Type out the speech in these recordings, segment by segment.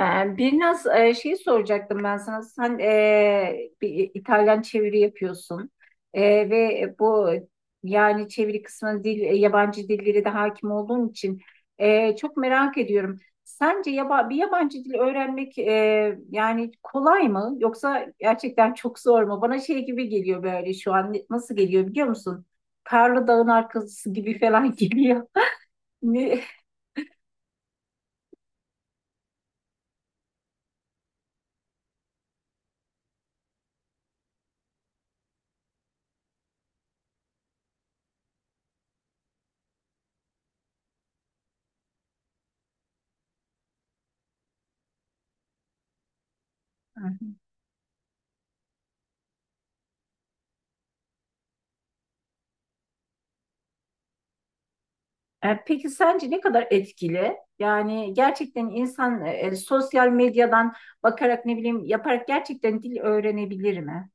Bir naz şeyi soracaktım ben sana. Sen bir İtalyan çeviri yapıyorsun. E, ve bu yani çeviri kısmına dil, yabancı dillere de hakim olduğun için çok merak ediyorum. Sence bir yabancı dil öğrenmek yani kolay mı yoksa gerçekten çok zor mu? Bana şey gibi geliyor böyle şu an nasıl geliyor biliyor musun? Karlı dağın arkası gibi falan geliyor. Ne? Peki sence ne kadar etkili? Yani gerçekten insan sosyal medyadan bakarak ne bileyim yaparak gerçekten dil öğrenebilir mi?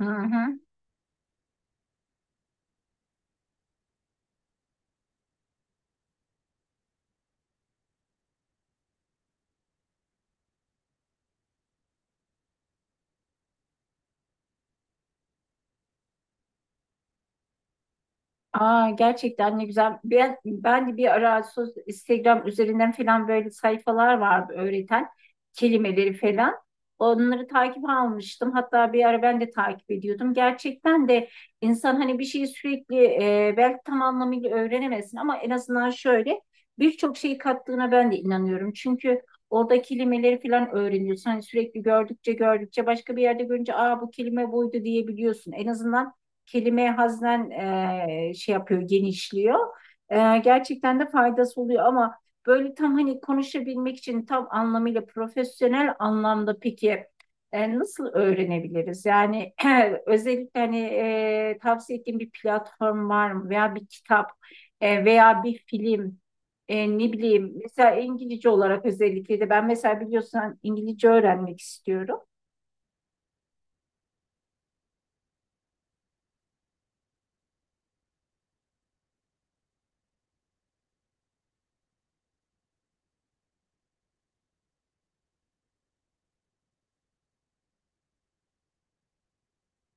Hı hı. Aa, gerçekten ne güzel. Ben de bir ara Instagram üzerinden falan böyle sayfalar vardı öğreten kelimeleri falan. Onları takip almıştım. Hatta bir ara ben de takip ediyordum. Gerçekten de insan hani bir şeyi sürekli belki tam anlamıyla öğrenemesin ama en azından şöyle birçok şeyi kattığına ben de inanıyorum. Çünkü orada kelimeleri falan öğreniyorsun. Hani sürekli gördükçe başka bir yerde görünce aa bu kelime buydu diyebiliyorsun. En azından kelime haznen şey yapıyor, genişliyor. Gerçekten de faydası oluyor ama böyle tam hani konuşabilmek için tam anlamıyla profesyonel anlamda peki nasıl öğrenebiliriz? Yani özellikle hani tavsiye ettiğim bir platform var mı veya bir kitap veya bir film? Ne bileyim mesela İngilizce olarak özellikle de ben mesela biliyorsun hani İngilizce öğrenmek istiyorum.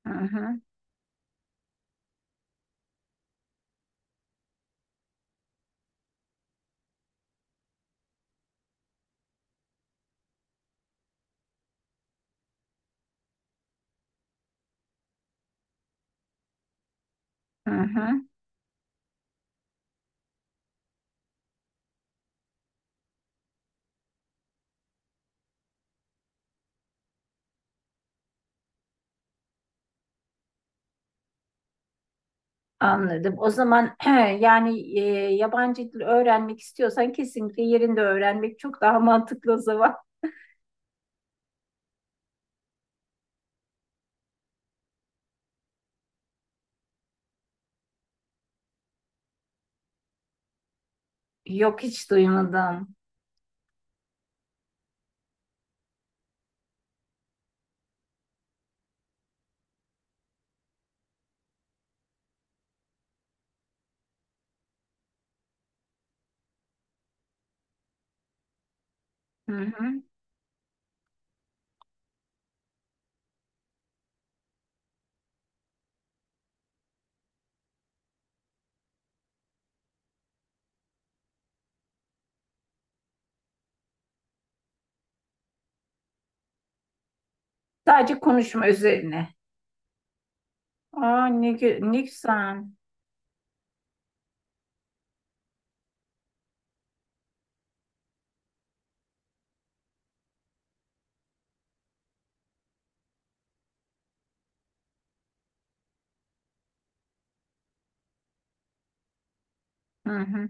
Hı hı, hı hı. Anladım. O zaman yani yabancı dil öğrenmek istiyorsan kesinlikle yerinde öğrenmek çok daha mantıklı o zaman. Yok, hiç duymadım. Hı hı. Sadece konuşma üzerine. Aa ne güzel. Hı hı.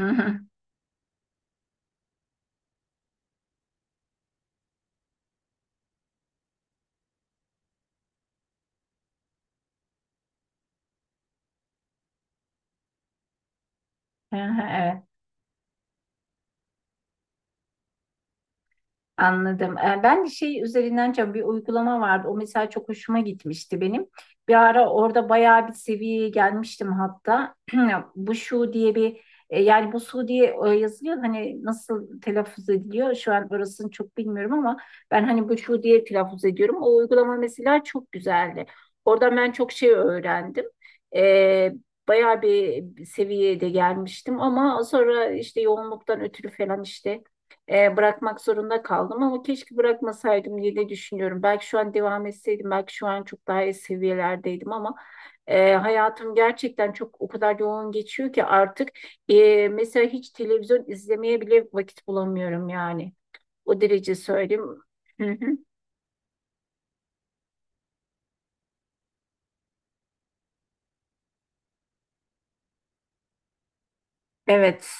Hı hı. Hı hı, evet. Anladım. Ben de şey üzerinden çok bir uygulama vardı. O mesela çok hoşuma gitmişti benim. Bir ara orada bayağı bir seviyeye gelmiştim hatta. Bu şu diye bir yani bu su diye yazılıyor. Hani nasıl telaffuz ediliyor? Şu an orasını çok bilmiyorum ama ben hani bu şu diye telaffuz ediyorum. O uygulama mesela çok güzeldi. Oradan ben çok şey öğrendim. Ee, bayağı bir seviyeye de gelmiştim ama sonra işte yoğunluktan ötürü falan işte bırakmak zorunda kaldım ama keşke bırakmasaydım diye de düşünüyorum. Belki şu an devam etseydim, belki şu an çok daha iyi seviyelerdeydim ama hayatım gerçekten çok o kadar yoğun geçiyor ki artık mesela hiç televizyon izlemeye bile vakit bulamıyorum yani. O derece söyleyeyim. Hı hı. Evet.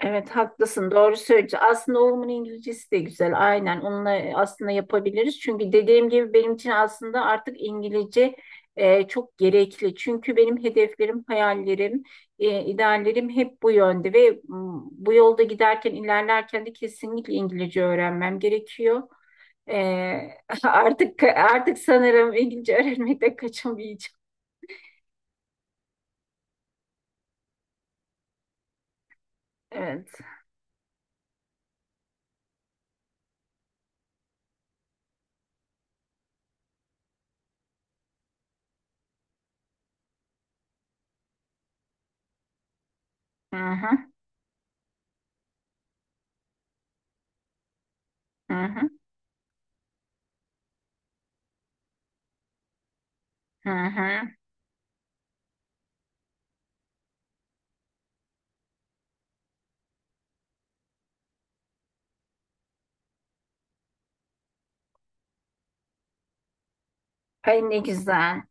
Evet, haklısın, doğru söylüyorsun. Aslında oğlumun İngilizcesi de güzel, aynen onunla aslında yapabiliriz. Çünkü dediğim gibi benim için aslında artık İngilizce çok gerekli. Çünkü benim hedeflerim, hayallerim, ideallerim hep bu yönde ve bu yolda giderken ilerlerken de kesinlikle İngilizce öğrenmem gerekiyor. E, artık sanırım İngilizce öğrenmekten kaçamayacağım. Evet. Hı hı, hı hı, hı hı. Ay, ne güzel.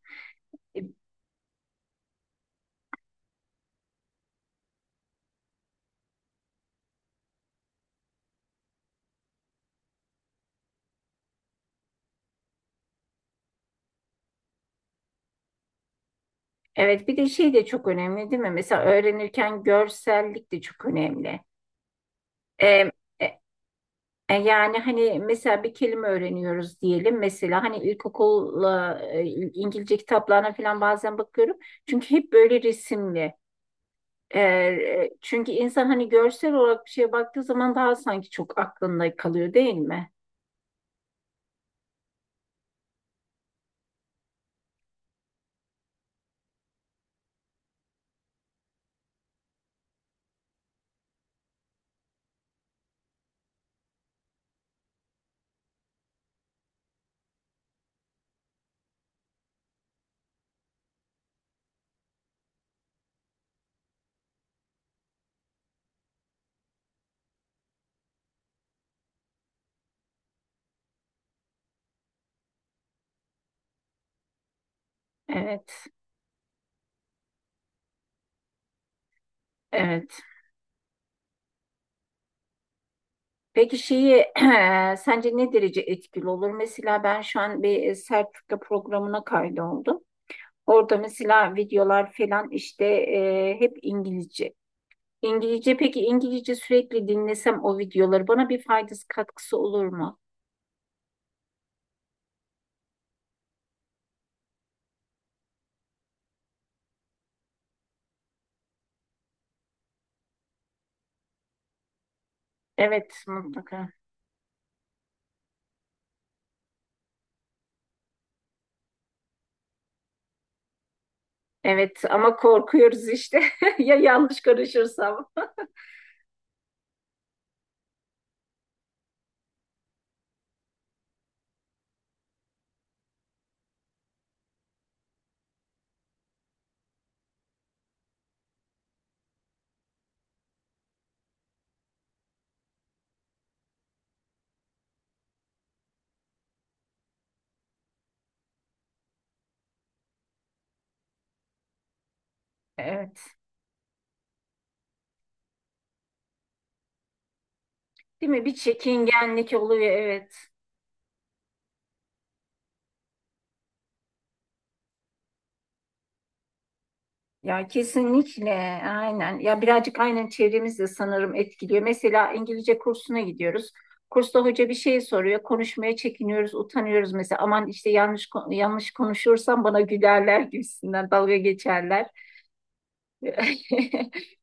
Evet, bir de şey de çok önemli değil mi? Mesela öğrenirken görsellik de çok önemli. Ee, e- yani hani mesela bir kelime öğreniyoruz diyelim. Mesela hani ilkokulla İngilizce kitaplarına falan bazen bakıyorum. Çünkü hep böyle resimli. Çünkü insan hani görsel olarak bir şeye baktığı zaman daha sanki çok aklında kalıyor değil mi? Evet, evet. Peki şeyi sence ne derece etkili olur? Mesela ben şu an bir sertifika programına kaydoldum. Orada mesela videolar falan işte hep İngilizce. İngilizce, peki İngilizce sürekli dinlesem o videoları bana bir faydası katkısı olur mu? Evet, mutlaka. Evet ama korkuyoruz işte ya yanlış karışırsam. Evet. Değil mi? Bir çekingenlik oluyor, evet. Ya kesinlikle aynen. Ya birazcık aynen çevremiz de sanırım etkiliyor. Mesela İngilizce kursuna gidiyoruz. Kursta hoca bir şey soruyor. Konuşmaya çekiniyoruz, utanıyoruz mesela. Aman işte yanlış konuşursam bana gülerler gibisinden, dalga geçerler.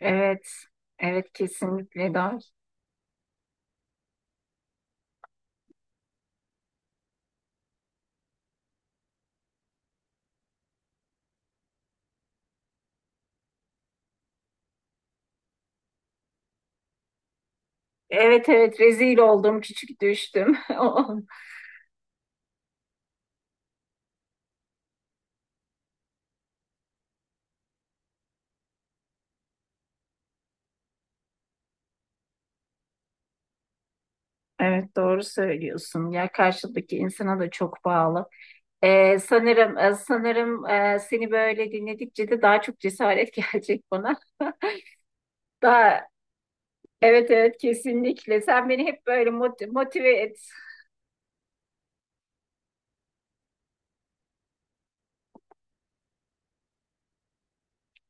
Evet. Evet, kesinlikle doğru. Evet, evet, rezil oldum, küçük düştüm. Evet, doğru söylüyorsun. Ya karşıdaki insana da çok bağlı. Sanırım sanırım seni böyle dinledikçe de daha çok cesaret gelecek bana. Daha evet, evet kesinlikle. Sen beni hep böyle motive et.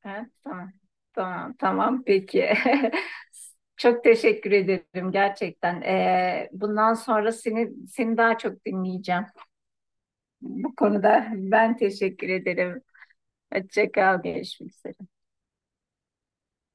Ha, tamam, tamam, peki. Çok teşekkür ederim gerçekten. Bundan sonra seni daha çok dinleyeceğim. Bu konuda ben teşekkür ederim. Hoşça kal, görüşmek üzere.